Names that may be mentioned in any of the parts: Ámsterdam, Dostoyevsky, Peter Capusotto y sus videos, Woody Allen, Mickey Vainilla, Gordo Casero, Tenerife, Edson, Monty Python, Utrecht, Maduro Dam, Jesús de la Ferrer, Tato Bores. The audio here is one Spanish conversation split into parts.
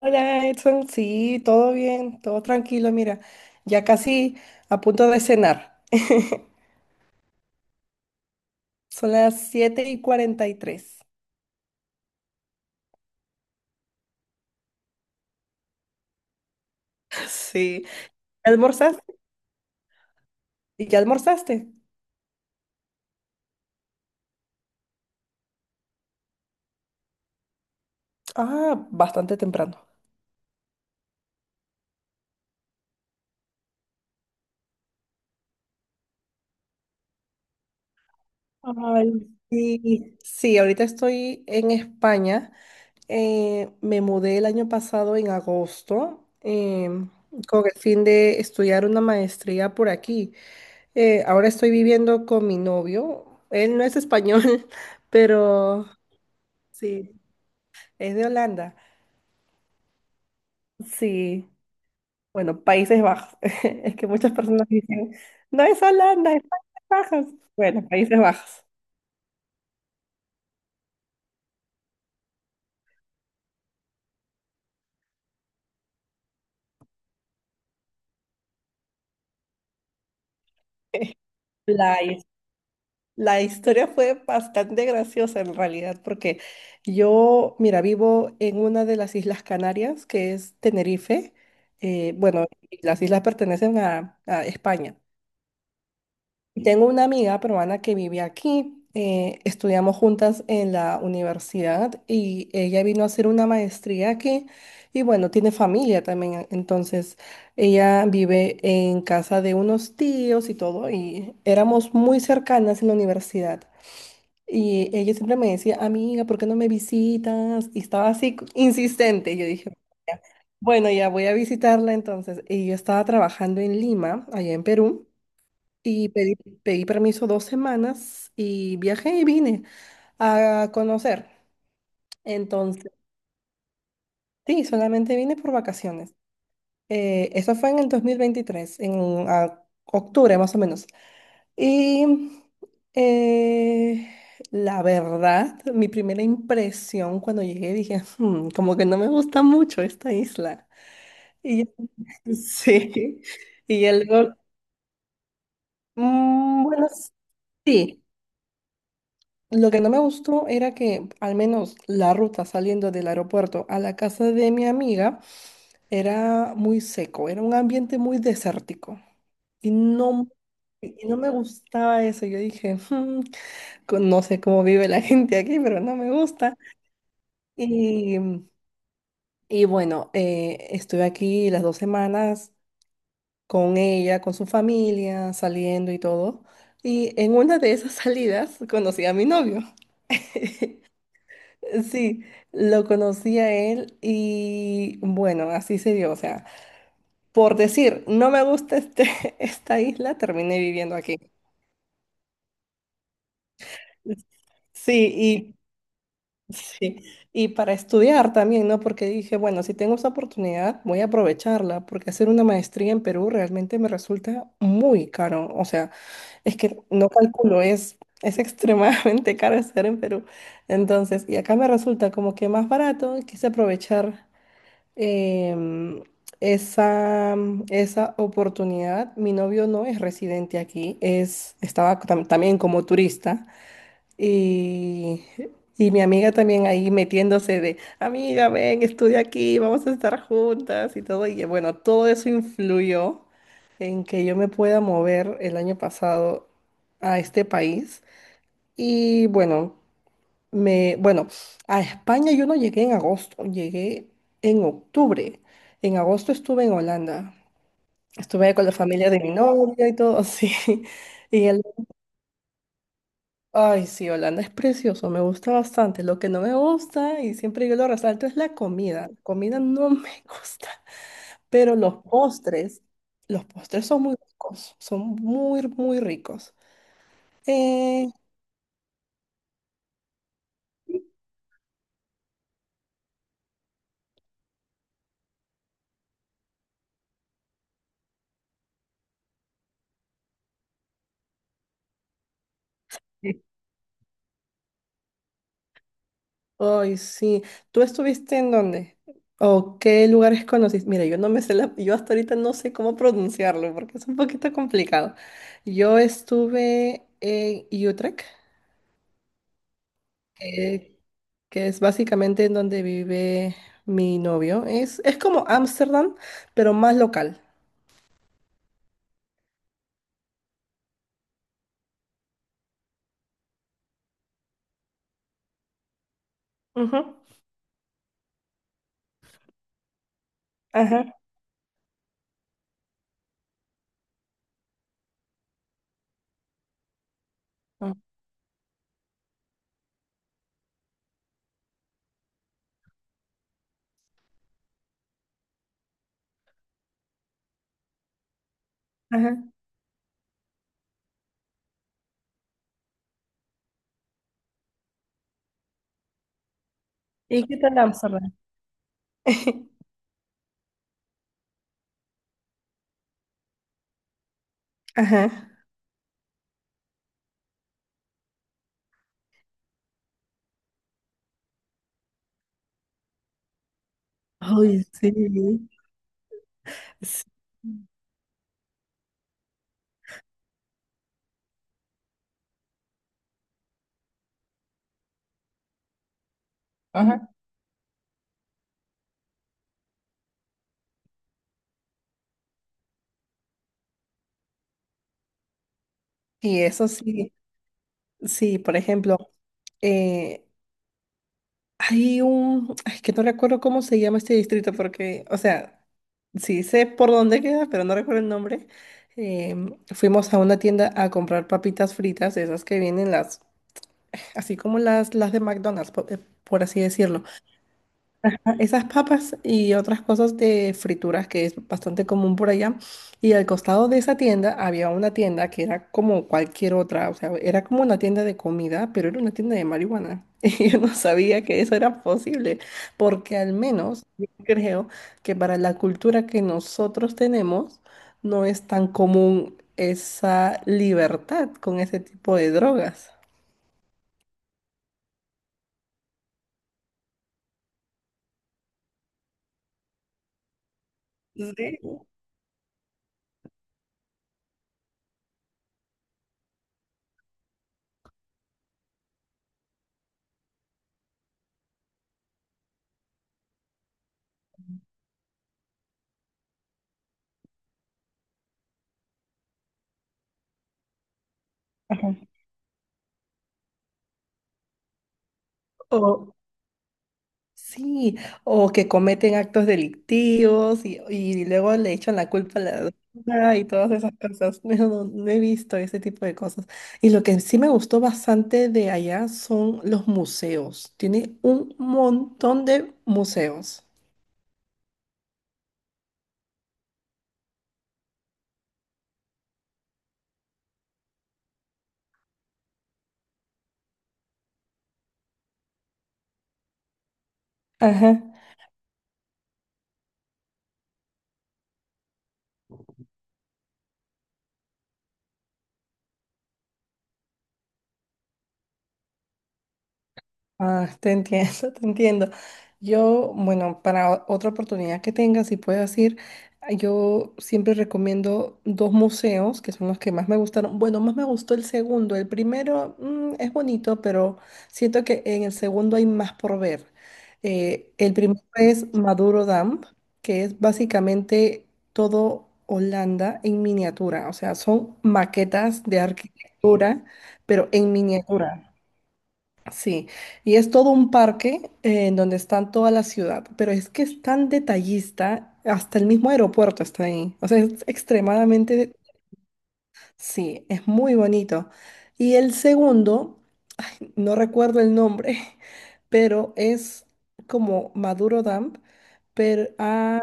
Hola Edson, sí, todo bien, todo tranquilo, mira, ya casi a punto de cenar. Son las 7:43. Sí. ¿Ya almorzaste? ¿Ya almorzaste? Ah, bastante temprano. Ay, sí. Sí, ahorita estoy en España. Me mudé el año pasado en agosto con el fin de estudiar una maestría por aquí. Ahora estoy viviendo con mi novio. Él no es español, pero sí, es de Holanda. Sí, bueno, Países Bajos. Es que muchas personas dicen, no es Holanda, es Países Bajos. Bueno, Países Bajos. La, his- la historia fue bastante graciosa en realidad, porque yo, mira, vivo en una de las Islas Canarias, que es Tenerife. Bueno, las islas pertenecen a España. Tengo una amiga peruana que vive aquí. Estudiamos juntas en la universidad y ella vino a hacer una maestría aquí y bueno, tiene familia también. Entonces, ella vive en casa de unos tíos y todo y éramos muy cercanas en la universidad. Y ella siempre me decía, amiga, ¿por qué no me visitas? Y estaba así insistente. Y yo dije, "Ya". Bueno, ya voy a visitarla entonces. Y yo estaba trabajando en Lima, allá en Perú. Y pedí permiso 2 semanas y viajé y vine a conocer. Entonces, sí, solamente vine por vacaciones. Eso fue en el 2023 en octubre más o menos. Y eh, la verdad, mi primera impresión cuando llegué, dije, "Hmm, como que no me gusta mucho esta isla". Y sí. Y el luego, "Mm, bueno, sí". Lo que no me gustó era que al menos la ruta saliendo del aeropuerto a la casa de mi amiga era muy seco, era un ambiente muy desértico y no me gustaba eso. Yo dije, "Hmm, no sé cómo vive la gente aquí, pero no me gusta". Y, y bueno, estuve aquí las 2 semanas con ella, con su familia, saliendo y todo. Y en una de esas salidas conocí a mi novio. Sí, lo conocí a él y bueno, así se dio. O sea, por decir, no me gusta esta isla, terminé viviendo aquí. Sí, y, sí, y para estudiar también, ¿no? Porque dije, bueno, si tengo esa oportunidad, voy a aprovecharla, porque hacer una maestría en Perú realmente me resulta muy caro. O sea, es que no calculo, es extremadamente caro hacer en Perú. Entonces, y acá me resulta como que más barato, y quise aprovechar em, esa, esa oportunidad. Mi novio no es residente aquí, estaba también como turista y, y mi amiga también ahí metiéndose de, amiga, ven, estudia aquí, vamos a estar juntas y todo. Y bueno, todo eso influyó en que yo me pueda mover el año pasado a este país. Y bueno. Bueno, a España yo no llegué en agosto, llegué en octubre. En agosto estuve en Holanda. Estuve ahí con la familia de mi novia y todo así. Y el, Ay, sí, Holanda es precioso, me gusta bastante. Lo que no me gusta, y siempre yo lo resalto, es la comida. La comida no me gusta, pero los postres son muy ricos, son muy, muy ricos. Eh, Ay, sí. ¿Tú estuviste en dónde? ¿O qué lugares conociste? Mira, yo hasta ahorita no sé cómo pronunciarlo porque es un poquito complicado. Yo estuve en Utrecht, que, que es básicamente en donde vive mi novio. Es como Ámsterdam, pero más local. Ujú. Ajá. Ajá. ¿Y qué tal Ámsterdam? Ajá. Ay, sí. Sí. Ajá. Y eso sí, sí, por ejemplo. eh, es que no recuerdo cómo se llama este distrito porque, o sea, sí sé por dónde queda, pero no recuerdo el nombre. Fuimos a una tienda a comprar papitas fritas, esas que vienen así como las de McDonald's, por, así decirlo. Esas papas y otras cosas de frituras que es bastante común por allá. Y al costado de esa tienda había una tienda que era como cualquier otra, o sea, era como una tienda de comida, pero era una tienda de marihuana. Y yo no sabía que eso era posible, porque al menos yo creo que para la cultura que nosotros tenemos no es tan común esa libertad con ese tipo de drogas. Sí. Ajá. O, Sí, o que cometen actos delictivos y luego le echan la culpa a la droga y todas esas cosas. No, no, no he visto ese tipo de cosas. Y lo que sí me gustó bastante de allá son los museos. Tiene un montón de museos. Ajá. Ah, te entiendo, te entiendo. Yo, bueno, para otra oportunidad que tengas, si puedes ir, ah, yo siempre recomiendo dos museos que son los que más me gustaron. Bueno, más me gustó el segundo. El primero, es bonito, pero siento que en el segundo hay más por ver. El primero es Maduro Dam, que es básicamente todo Holanda en miniatura. O sea, son maquetas de arquitectura, pero en miniatura. Sí, y es todo un parque en donde están toda la ciudad, pero es que es tan detallista, hasta el mismo aeropuerto está ahí. O sea, es extremadamente, sí, es muy bonito. Y el segundo, no recuerdo el nombre, pero es como Maduro Dump, pero a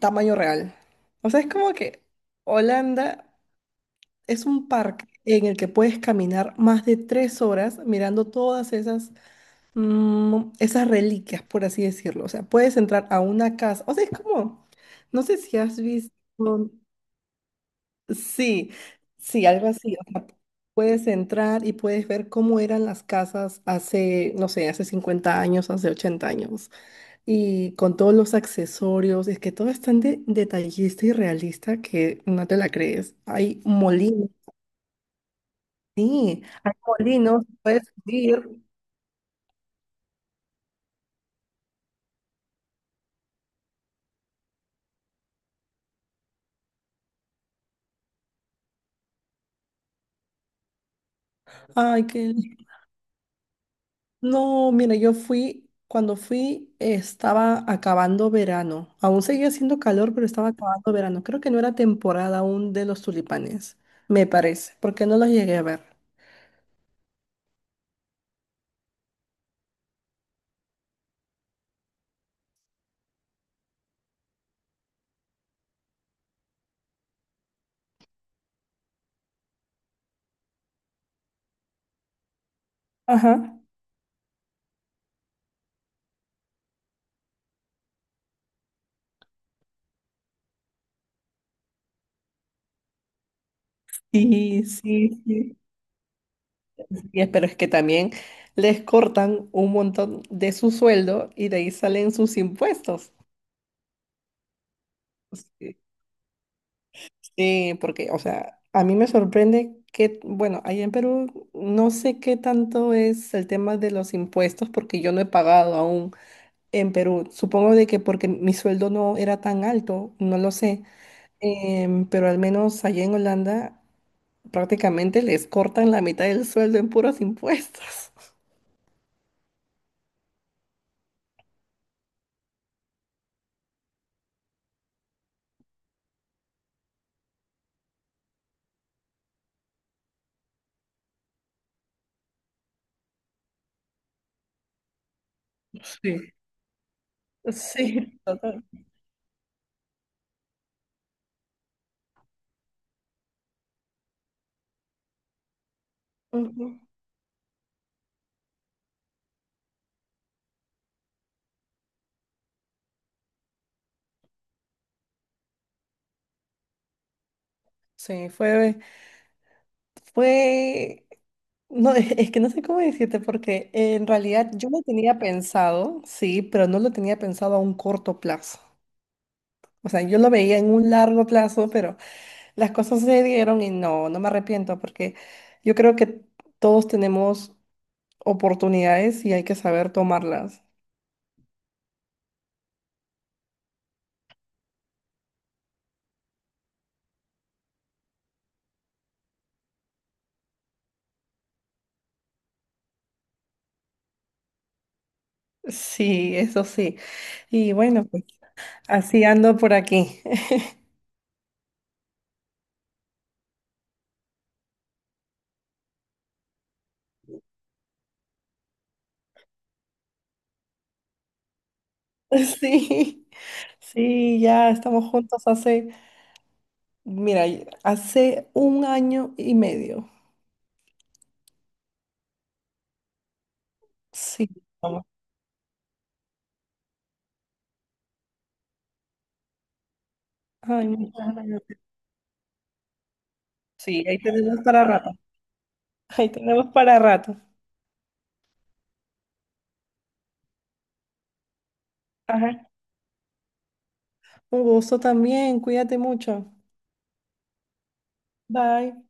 tamaño real. O sea, es como que Holanda es un parque en el que puedes caminar más de 3 horas mirando todas esas reliquias, por así decirlo. O sea, puedes entrar a una casa. O sea, es como, no sé si has visto, sí, sí, algo así. O sea, puedes entrar y puedes ver cómo eran las casas hace, no sé, hace 50 años, hace 80 años. Y con todos los accesorios, es que todo es tan detallista y realista que no te la crees. Hay molinos, sí, hay molinos, puedes subir. Ay, qué lindo. No, mira, cuando fui estaba acabando verano. Aún seguía haciendo calor, pero estaba acabando verano. Creo que no era temporada aún de los tulipanes, me parece, porque no los llegué a ver. Ajá. Y sí, sí. Pero es que también les cortan un montón de su sueldo y de ahí salen sus impuestos. Sí, porque, o sea, a mí me sorprende que, bueno, allá en Perú no sé qué tanto es el tema de los impuestos porque yo no he pagado aún en Perú. Supongo de que porque mi sueldo no era tan alto, no lo sé. Pero al menos allá en Holanda prácticamente les cortan la mitad del sueldo en puros impuestos. Sí. Sí, total. Ujú. Sí, fue, fue No, es que no sé cómo decirte, porque en realidad yo lo tenía pensado, sí, pero no lo tenía pensado a un corto plazo. O sea, yo lo veía en un largo plazo, pero las cosas se dieron y no, no me arrepiento, porque yo creo que todos tenemos oportunidades y hay que saber tomarlas. Sí, eso sí. Y bueno, pues así ando por aquí. Sí, sí, ya estamos juntos mira, hace un año y medio. Sí. Ay, muchas gracias. Sí, ahí tenemos para rato. Ahí tenemos para rato. Ajá. Un gusto también. Cuídate mucho. Bye.